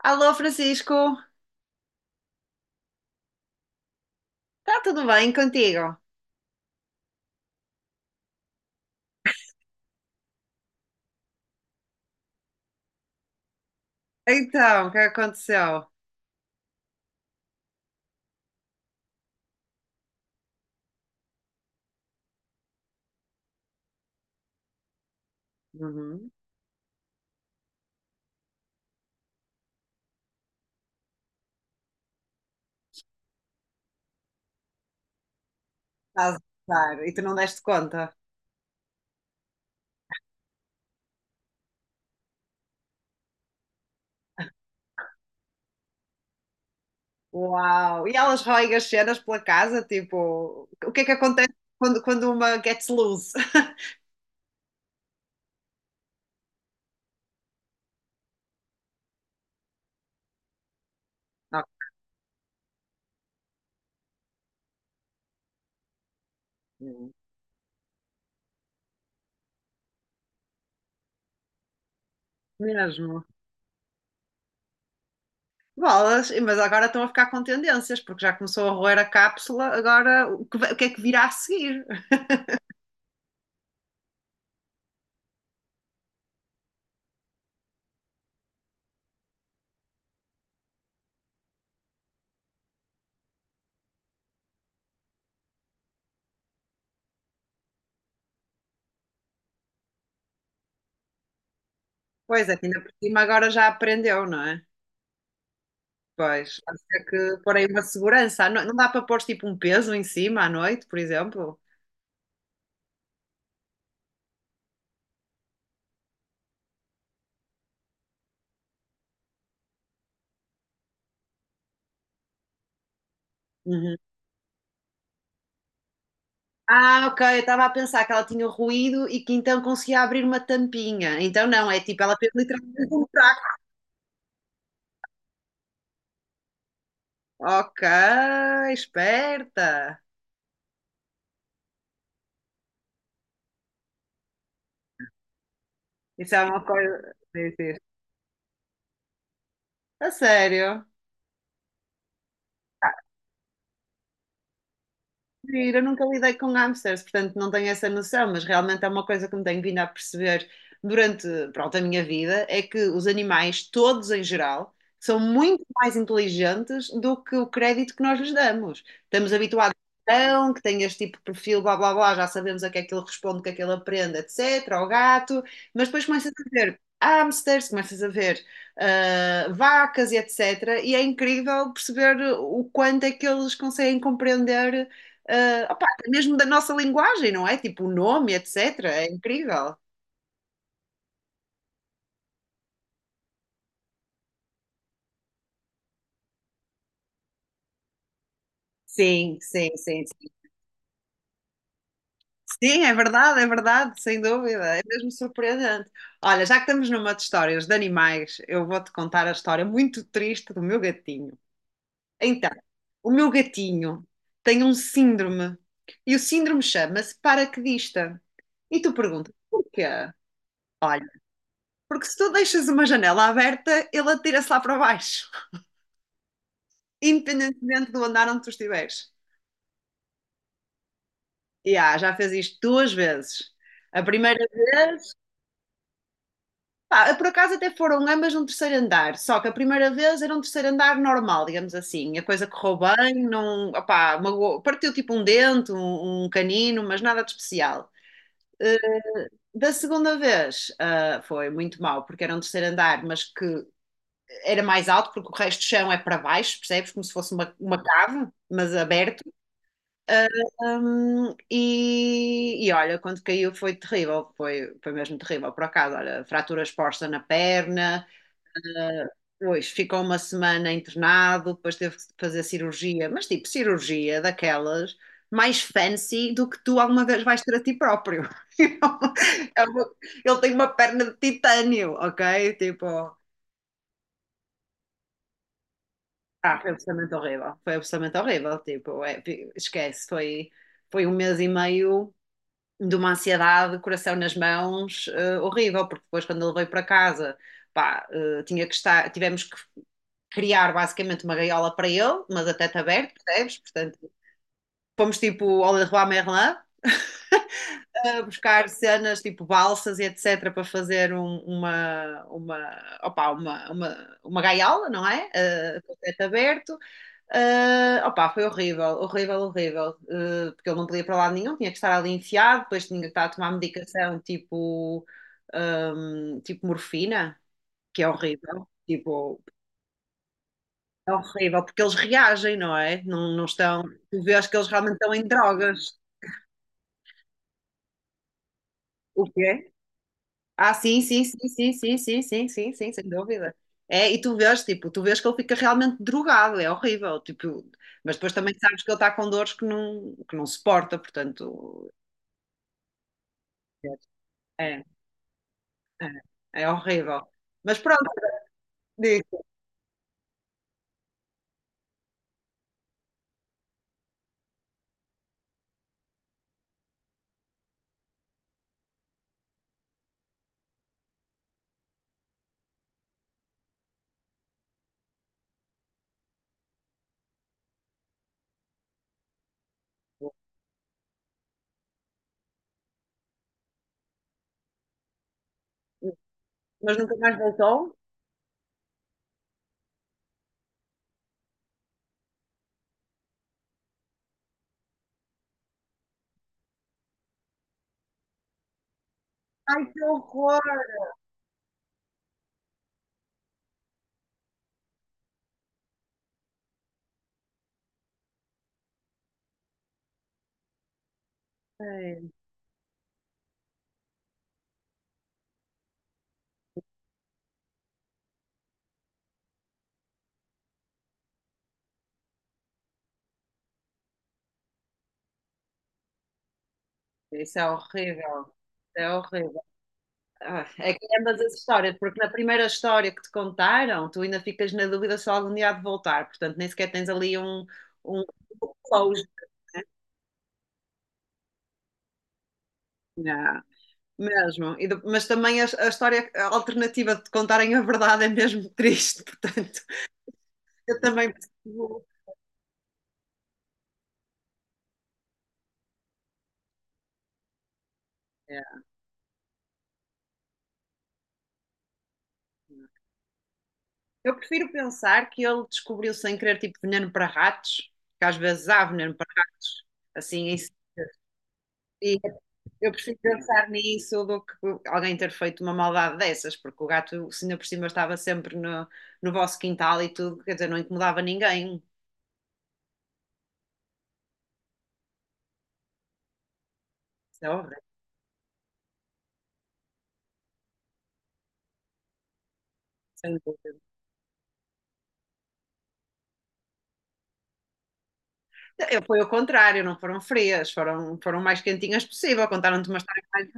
Alô, Francisco, está tudo bem contigo? Então, o que aconteceu? Uhum. Estás a usar e tu não deste conta? Uau! E elas roem as cenas pela casa, tipo, o que é que acontece quando uma gets loose? Ok. Mesmo. Bolas, mas agora estão a ficar com tendências, porque já começou a roer a cápsula, agora o que é que virá a seguir? Pois é, que ainda por cima agora já aprendeu, não é? Pois, pode ser que pôr aí uma segurança. Ah, não, não dá para pôr tipo um peso em cima à noite, por exemplo? Uhum. Ah, ok, eu estava a pensar que ela tinha ruído e que então conseguia abrir uma tampinha. Então não, é tipo, ela fez literalmente um buraco. Ok, esperta. Isso é uma coisa. Sim, sim. A sério? Eu nunca lidei com hamsters, portanto não tenho essa noção, mas realmente é uma coisa que me tenho vindo a perceber durante, pronto, a minha vida, é que os animais, todos em geral, são muito mais inteligentes do que o crédito que nós lhes damos. Estamos habituados a um cão, que tem este tipo de perfil, blá blá blá, já sabemos a que é que ele responde, o que é que ele aprende, etc., ao gato, mas depois começas a ver hamsters, começas a ver vacas e etc., e é incrível perceber o quanto é que eles conseguem compreender mesmo da nossa linguagem, não é? Tipo o nome, etc. É incrível. Sim, sim, sim, sim. Sim, é verdade, sem dúvida. É mesmo surpreendente. Olha, já que estamos numa de histórias de animais, eu vou-te contar a história muito triste do meu gatinho. Então, o meu gatinho tem um síndrome e o síndrome chama-se paraquedista. E tu perguntas, porquê? Olha, porque se tu deixas uma janela aberta, ele atira-se lá para baixo, independentemente do andar onde tu estiveres. Yeah, já fez isto duas vezes. A primeira vez, pá, por acaso até foram ambas num terceiro andar, só que a primeira vez era um terceiro andar normal, digamos assim. A coisa correu bem, não, opá, partiu tipo um dente, um canino, mas nada de especial. Da segunda vez, foi muito mal, porque era um terceiro andar, mas que era mais alto, porque o resto do chão é para baixo, percebes? Como se fosse uma cave, mas aberto. E olha, quando caiu foi terrível, foi mesmo terrível, por acaso, olha, fratura exposta na perna, eh, pois ficou uma semana internado, depois teve que fazer cirurgia, mas tipo cirurgia daquelas mais fancy do que tu alguma vez vais ter a ti próprio. É uma- Ele tem uma perna de titânio, ok? Tipo, foi absolutamente horrível, tipo, é, esquece, foi um mês e meio de uma ansiedade, coração nas mãos, horrível, porque depois quando ele veio para casa, pá, tinha que estar, tivemos que criar basicamente uma gaiola para ele, mas a teto aberto, percebes? Portanto, fomos tipo ao Leroy Merlin a buscar cenas tipo balsas e etc para fazer uma, opa uma gaiola, não é? Com teto aberto. Opa, foi horrível, horrível, horrível, porque ele não podia ir para lado nenhum, tinha que estar ali enfiado, depois tinha que estar a tomar medicação tipo, tipo morfina, que é horrível, tipo, é horrível, porque eles reagem, não é? Não, não estão, tu vês que eles realmente estão em drogas, o quê? Ah, sim, sim, sim, sim, sim, sim, sim, sim, sim, sem dúvida. É, e tu vês, tipo, tu vês que ele fica realmente drogado, é horrível, tipo, mas depois também sabes que ele está com dores que não suporta, portanto, é É, é horrível. Mas pronto, digo. Mas nunca mais voltou? Ai, que horror! Ai, isso é horrível. É horrível. Ah, é que é ambas as histórias, porque na primeira história que te contaram, tu ainda ficas na dúvida se algum dia há de voltar, portanto nem sequer tens ali um close, né? Mesmo. E mas também a história alternativa de te contarem a verdade é mesmo triste, portanto eu também percebo. É, eu prefiro pensar que ele descobriu sem querer tipo veneno para ratos, que às vezes há veneno para ratos, assim, isso. E eu prefiro pensar nisso do que alguém ter feito uma maldade dessas, porque o gato, se ainda por cima estava sempre no vosso quintal e tudo, quer dizer, não incomodava ninguém. Isso é horrível, sem dúvida. Eu, foi o contrário, não foram frias, foram o mais quentinhas possível, contaram-te uma história mais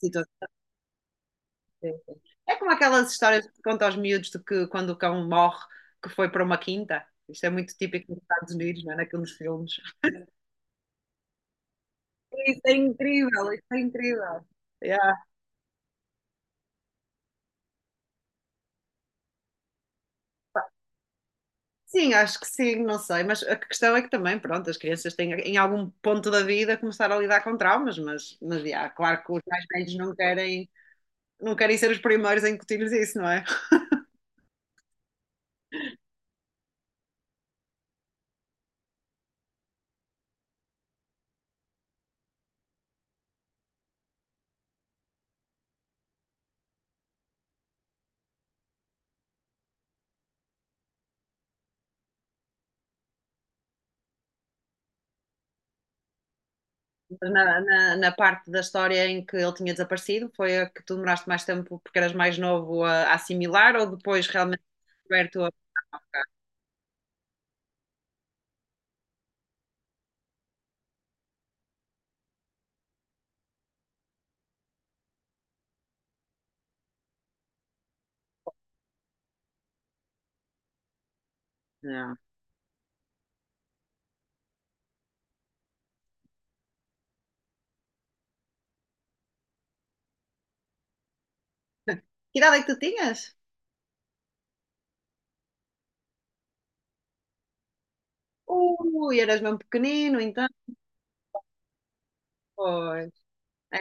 bonita. Sim, sim. É como aquelas histórias que contam aos miúdos de que quando o cão morre, que foi para uma quinta. Isto é muito típico nos Estados Unidos, não é? Naqueles filmes. Isso é incrível, isso é incrível. Yeah. Sim, acho que sim, não sei, mas a questão é que também, pronto, as crianças têm em algum ponto da vida começar a lidar com traumas, mas yeah, claro que os mais velhos não querem, não querem ser os primeiros a incutir-lhes isso, não é? Na parte da história em que ele tinha desaparecido? Foi a que tu demoraste mais tempo porque eras mais novo a, assimilar ou depois realmente descoberto a. Ah, ok. Não. Que idade é que tu tinhas? Ui, eras mesmo pequenino, então. Pois. É,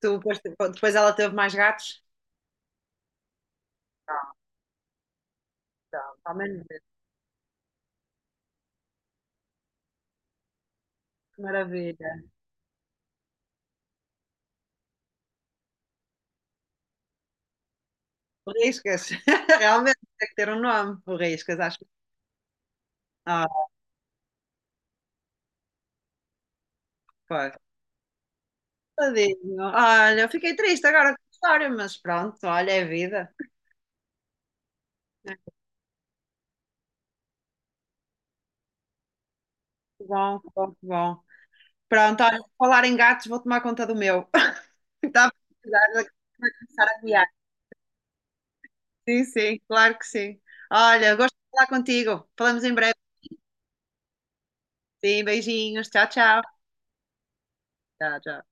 tu, depois ela teve mais gatos? Não, não, ao menos isso. Que maravilha. Riscas. Realmente tem que ter um nome. O Riscas, acho. Ah, pois. Tadinho. Olha, eu fiquei triste agora com a história, mas pronto, olha, é vida. Bom, bom, bom. Pronto, olha, por falar em gatos, vou tomar conta do meu. Estava a precisar de começar a guiar. Sim, sim, claro que sim. Olha, gosto de falar contigo. Falamos em breve. Sim, beijinhos. Tchau, tchau. Tchau, tchau.